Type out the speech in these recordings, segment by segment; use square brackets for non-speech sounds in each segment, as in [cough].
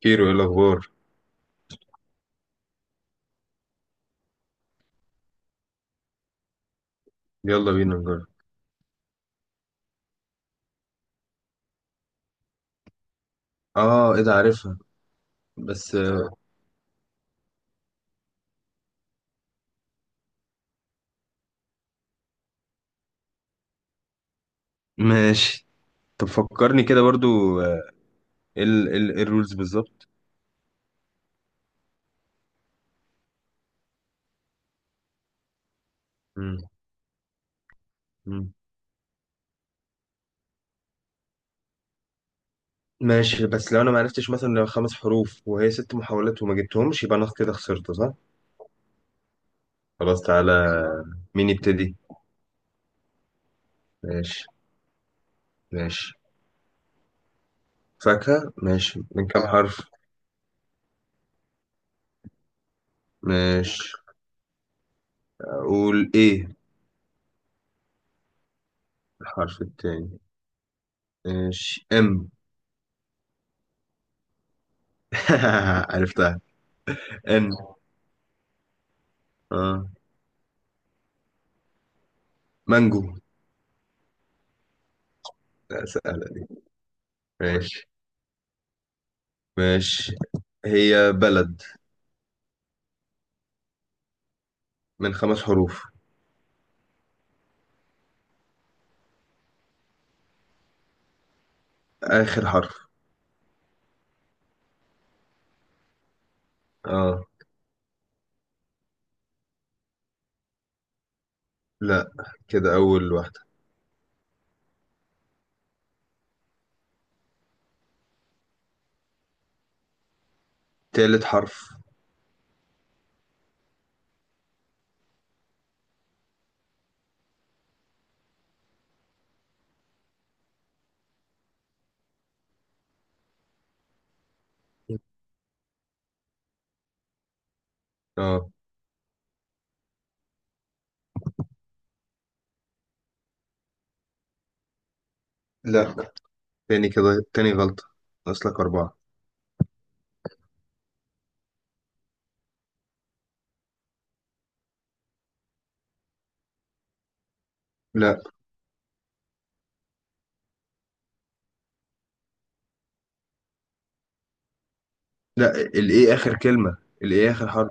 كيرو، ايه الاخبار؟ يلا بينا نجرب. اه، ايه ده؟ عارفها. بس ماشي. طب فكرني كده برضو. آه، إيه الرولز بالظبط؟ مم. مم. ماشي، بس لو انا ما عرفتش، مثلا لو 5 حروف وهي 6 محاولات وما جبتهمش، يبقى انا كده خسرت، صح؟ خلاص تعالى. مين يبتدي؟ ماشي. ماشي. فاكهة؟ ماشي. من كام حرف؟ ماشي. اقول ايه؟ الحرف التاني. ماشي. [laughs] عرفتها. ان. اه. مانجو. لا، سهلة. ماشي. ماشي. هي بلد. من 5 حروف. آخر حرف. اه. لا، كده أول واحدة. تالت حرف. اه. لا. تاني كده. تاني غلطة. أصلك أربعة. لا، لا الإيه آخر كلمة، الإيه آخر حرف.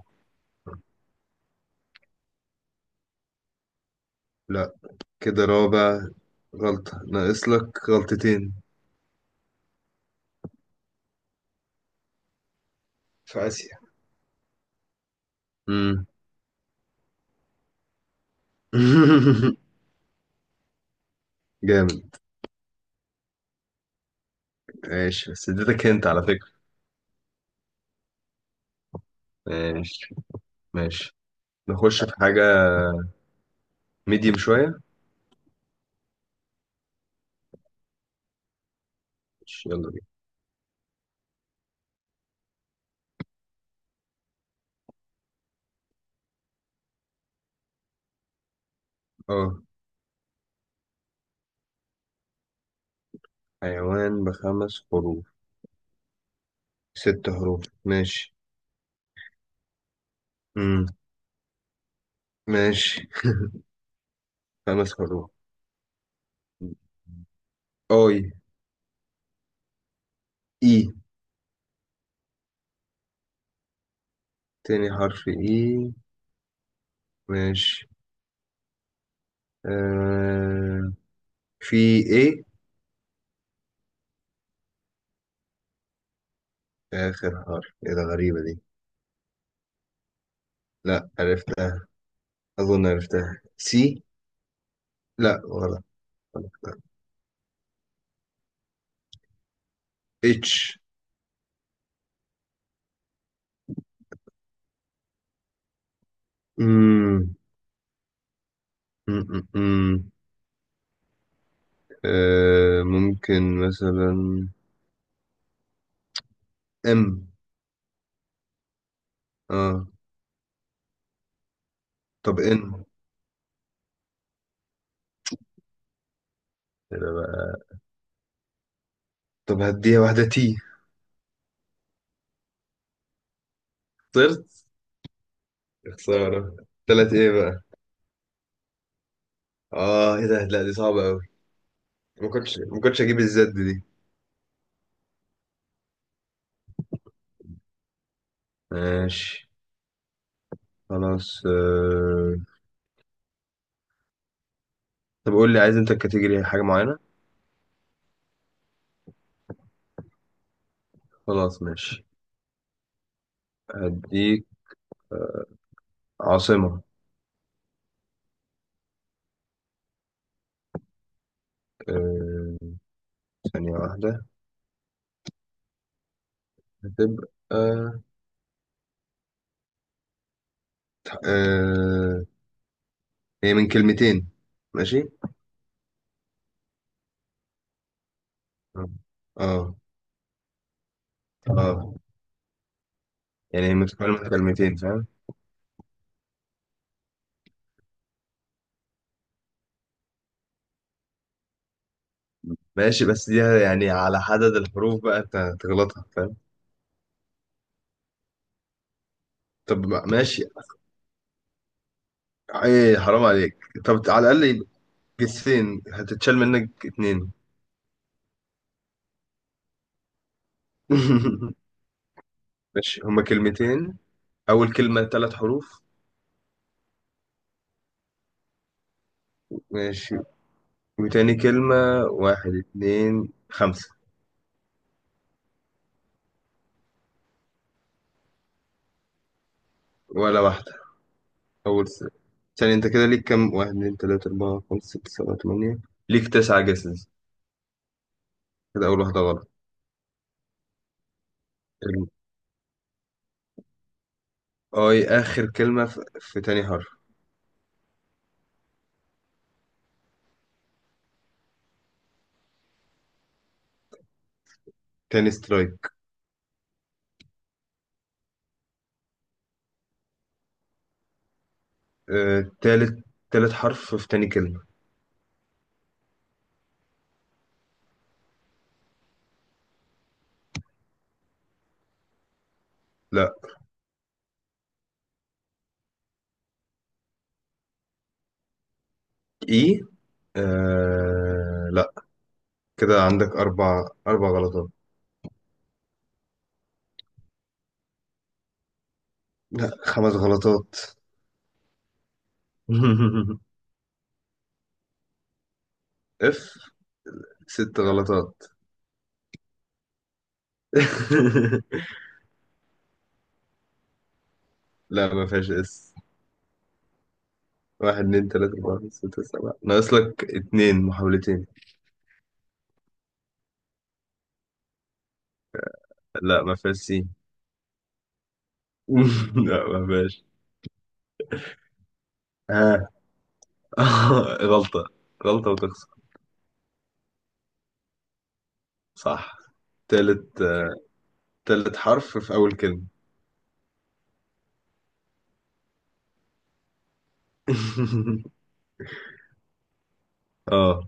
لا، كده رابع غلطة. ناقص لك غلطتين. في آسيا. مم. [laughs] جامد. ماشي، بس اديتك انت على فكرة. ماشي. ماشي. نخش في حاجة ميديم شوية. ماشي، يلا بينا. اه، حيوان بـ5 حروف. 6 حروف ماشي. امم. ماشي. 5 حروف. اي. اي. تاني حرف. اي. ماشي. آه. في. ايه. اخر حرف. ايه ده؟ غريبة دي. لا، عرفتها. اظن عرفتها، سي. لا، غلط. غلط. اتش. امم أمم. آه، ممكن مثلا. ام اه. طب ان. كده بقى. طب هديها واحدة، تي. طرت. يا خسارة. تلات ايه بقى؟ اه، ايه ده؟ لا دي صعبة اوي. ما كنتش اجيب الزد دي. ماشي. خلاص طب قول لي، عايز انت الكاتيجوري حاجة معينة؟ خلاص ماشي. هديك عاصمة. آه. ثانية واحدة. هتبقى هي من كلمتين. ماشي. اه. اه. آه. يعني هي متكونة من كلمتين، فاهم؟ ماشي بس دي يعني على عدد الحروف بقى انت هتغلطها، فاهم؟ طب ماشي. ايه، حرام عليك. طب على الاقل جسين هتتشال منك اتنين. [laughs] ماشي، هما كلمتين. اول كلمة 3 حروف. ماشي. وتاني كلمة واحد اتنين خمسة. ولا واحدة. اول سنة. ثاني، انت كده ليك كام؟ واحد اتنين تلاتة اربعة خمسة ستة سبعة تمانية. ليك 9 جسز. كده اول واحدة غلط. ال-. اي اخر كلمة، في تاني حرف. تاني سترايك. آه، تالت حرف في تاني كلمة. لا. اي. آه لا. كده عندك أربع غلطات. لا، 5 غلطات. [laughs] اف. 6 غلطات. [laughs] لا، ما فيهاش اس. واحد اتنين تلاتة أربعة خمسة ستة سبعة. ناقص لك اتنين محاولتين. لا، ما فيهاش سين. [laughs] لا ما فيهاش. ها. [laughs] غلطة. غلطة وتخسر. صح. تالت. تالت حرف في أول كلمة. [laughs] اه.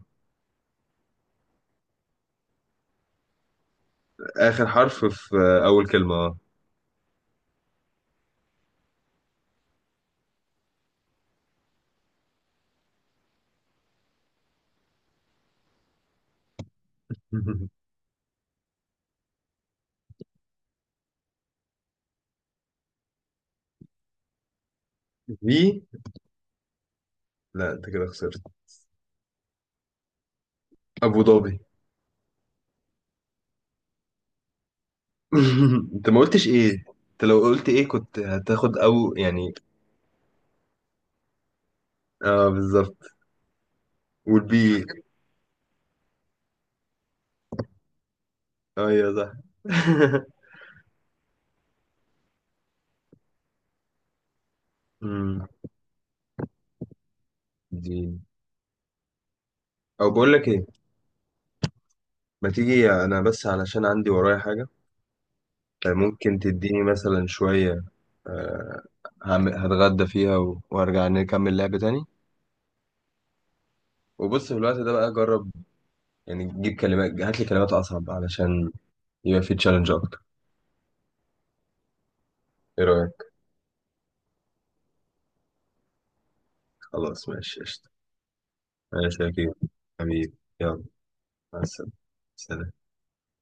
آخر حرف في أول كلمة، اه. [laughs] في. لا، أنت كده خسرت. أبو ظبي. [laughs] انت ما قلتش ايه. انت لو قلت ايه كنت هتاخد او، يعني. اه، بالظبط. والبي. ايوه، صح. [laughs] أمم، دي. او، بقول لك ايه. ما تيجي انا بس علشان عندي ورايا حاجه. ممكن تديني مثلا شويه. آه، هتغدى فيها وارجع نكمل لعب تاني. وبص في الوقت ده بقى جرب، يعني جيب كلمات، هات لي كلمات اصعب، علشان يبقى في تشالنج اكتر. ايه رايك؟ خلاص ماشي، قشطة. ماشي يا كبير. حبيبي. يلا. مع السلامة. سلام.